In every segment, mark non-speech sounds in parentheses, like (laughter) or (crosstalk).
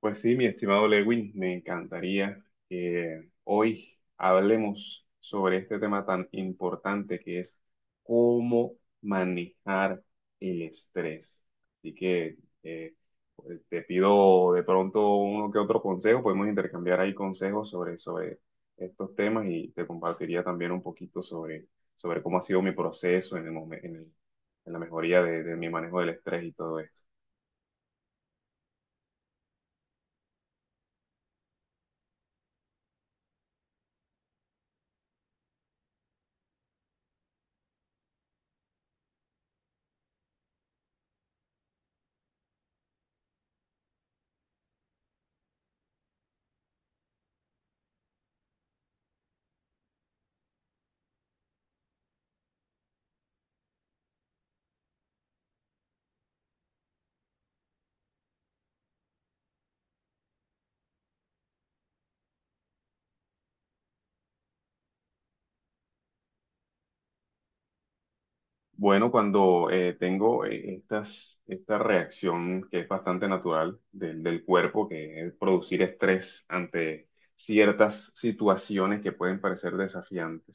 Pues sí, mi estimado Lewin, me encantaría que hoy hablemos sobre este tema tan importante que es cómo manejar el estrés. Así que pues, te pido de pronto uno que otro consejo, podemos intercambiar ahí consejos sobre estos temas y te compartiría también un poquito sobre, sobre cómo ha sido mi proceso en el en la mejoría de mi manejo del estrés y todo esto. Bueno, cuando tengo esta reacción que es bastante natural del cuerpo, que es producir estrés ante ciertas situaciones que pueden parecer desafiantes,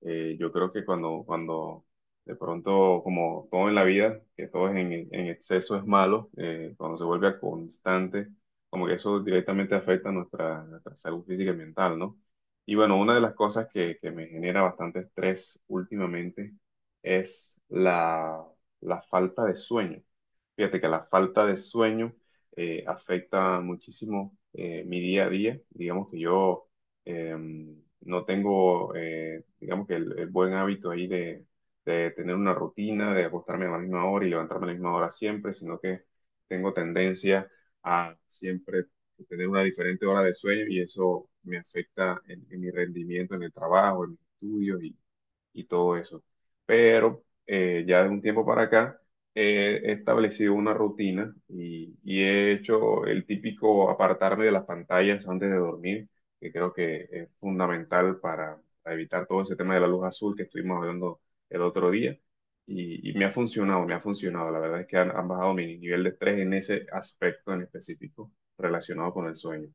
yo creo que cuando de pronto, como todo en la vida, que todo es en exceso es malo, cuando se vuelve a constante, como que eso directamente afecta nuestra salud física y mental, ¿no? Y bueno, una de las cosas que me genera bastante estrés últimamente es la falta de sueño. Fíjate que la falta de sueño afecta muchísimo mi día a día. Digamos que yo eh, no tengo, digamos que el buen hábito ahí de tener una rutina, de acostarme a la misma hora y levantarme a la misma hora siempre, sino que tengo tendencia a siempre tener una diferente hora de sueño y eso me afecta en mi rendimiento en el trabajo, en mis estudios y todo eso. Pero ya de un tiempo para acá he establecido una rutina y he hecho el típico apartarme de las pantallas antes de dormir, que creo que es fundamental para evitar todo ese tema de la luz azul que estuvimos hablando el otro día. Y me ha funcionado, me ha funcionado. La verdad es que han bajado mi nivel de estrés en ese aspecto en específico relacionado con el sueño.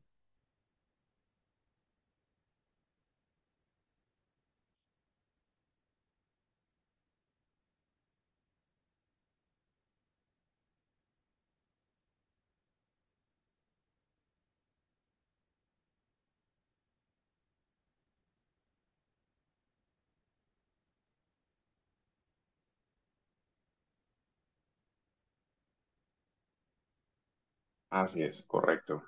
Así es, correcto.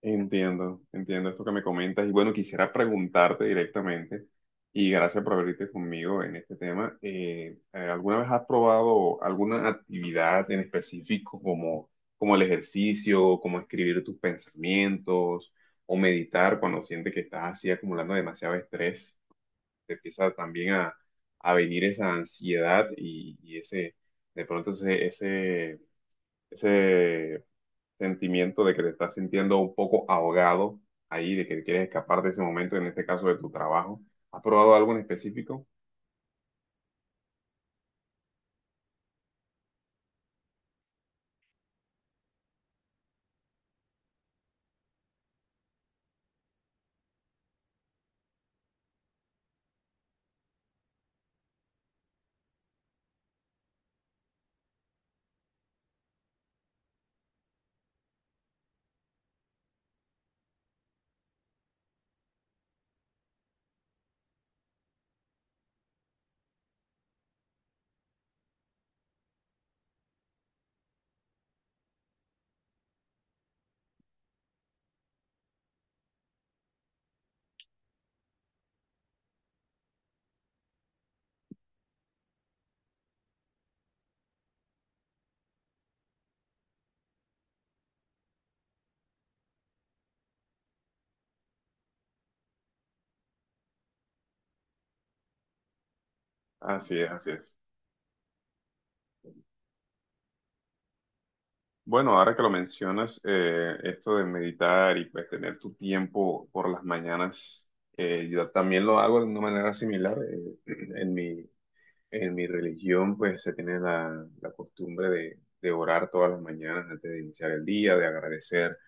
Entiendo, entiendo esto que me comentas y bueno, quisiera preguntarte directamente y gracias por abrirte conmigo en este tema. ¿Alguna vez has probado alguna actividad en específico como, como el ejercicio, como escribir tus pensamientos o meditar cuando sientes que estás así acumulando demasiado estrés? Te empieza también a venir esa ansiedad y ese, de pronto ese sentimiento de que te estás sintiendo un poco ahogado ahí, de que quieres escapar de ese momento, en este caso de tu trabajo. ¿Has probado algo en específico? Así es, así es. Bueno, ahora que lo mencionas, esto de meditar y pues tener tu tiempo por las mañanas, yo también lo hago de una manera similar. (clears throat) En mi, en mi religión pues se tiene la costumbre de orar todas las mañanas antes de iniciar el día, de agradecer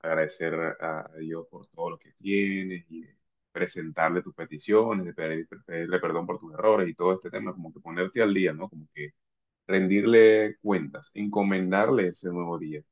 agradecer a Dios por todo lo que tienes y de presentarle tus peticiones, de pedirle perdón por tus errores y todo este tema, como que ponerte al día, ¿no? Como que rendirle cuentas, encomendarle ese nuevo día.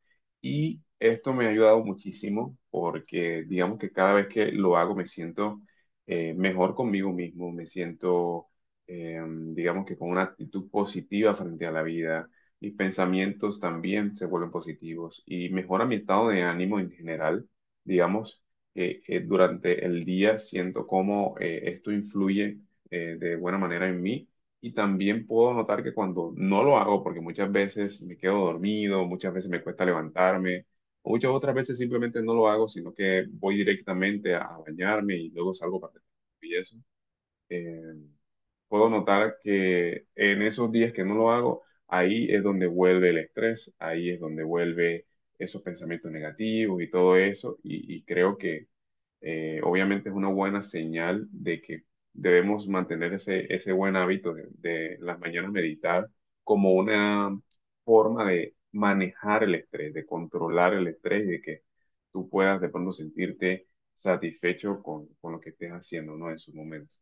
Y esto me ha ayudado muchísimo porque digamos que cada vez que lo hago me siento mejor conmigo mismo, me siento eh, digamos que con una actitud positiva frente a la vida, mis pensamientos también se vuelven positivos y mejora mi estado de ánimo en general, digamos. Que durante el día siento cómo esto influye de buena manera en mí y también puedo notar que cuando no lo hago, porque muchas veces me quedo dormido, muchas veces me cuesta levantarme, o muchas otras veces simplemente no lo hago, sino que voy directamente a bañarme y luego salgo para y eso. eh, Puedo notar que en esos días que no lo hago, ahí es donde vuelve el estrés, ahí es donde vuelve esos pensamientos negativos y todo eso, y creo que obviamente es una buena señal de que debemos mantener ese buen hábito de las mañanas meditar como una forma de manejar el estrés, de controlar el estrés y de que tú puedas de pronto sentirte satisfecho con lo que estés haciendo, ¿no? En su momento.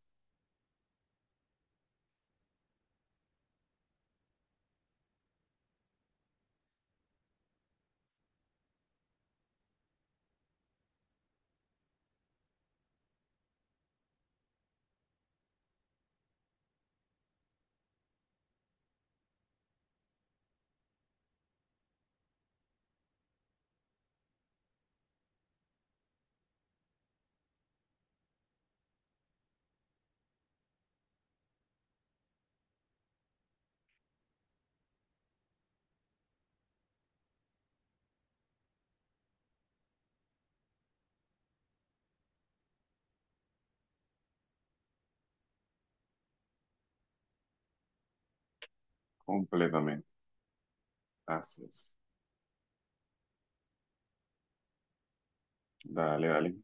Completamente. Así es. Dale, dale.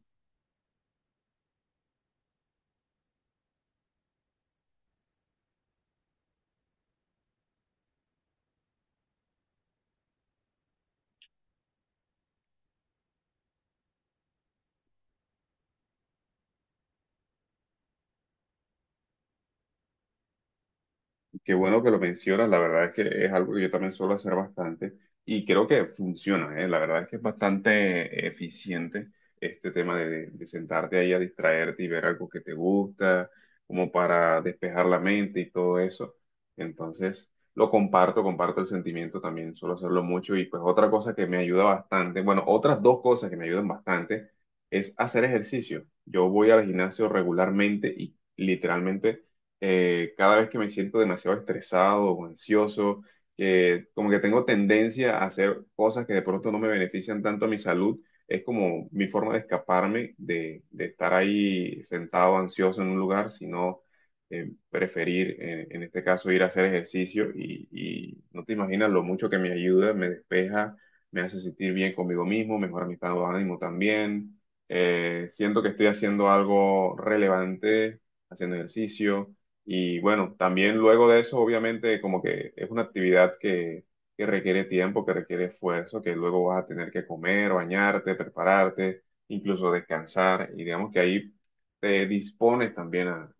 Qué bueno que lo mencionas, la verdad es que es algo que yo también suelo hacer bastante y creo que funciona, ¿eh? La verdad es que es bastante eficiente este tema de sentarte ahí a distraerte y ver algo que te gusta, como para despejar la mente y todo eso. Entonces, lo comparto, comparto el sentimiento también, suelo hacerlo mucho y pues otra cosa que me ayuda bastante, bueno, otras dos cosas que me ayudan bastante es hacer ejercicio. Yo voy al gimnasio regularmente y literalmente cada vez que me siento demasiado estresado o ansioso, que como que tengo tendencia a hacer cosas que de pronto no me benefician tanto a mi salud, es como mi forma de escaparme de estar ahí sentado ansioso en un lugar, sino preferir, en este caso, ir a hacer ejercicio y no te imaginas lo mucho que me ayuda, me despeja, me hace sentir bien conmigo mismo, mejora mi estado de ánimo también. Siento que estoy haciendo algo relevante, haciendo ejercicio, y bueno, también luego de eso, obviamente, como que es una actividad que requiere tiempo, que requiere esfuerzo, que luego vas a tener que comer, bañarte, prepararte, incluso descansar. Y digamos que ahí te dispones también a,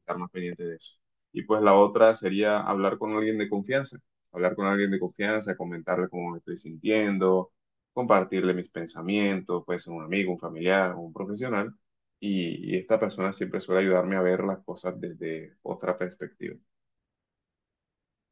estar más pendiente de eso. Y pues la otra sería hablar con alguien de confianza, hablar con alguien de confianza, comentarle cómo me estoy sintiendo, compartirle mis pensamientos, puede ser un amigo, un familiar, un profesional, y esta persona siempre suele ayudarme a ver las cosas desde otra perspectiva.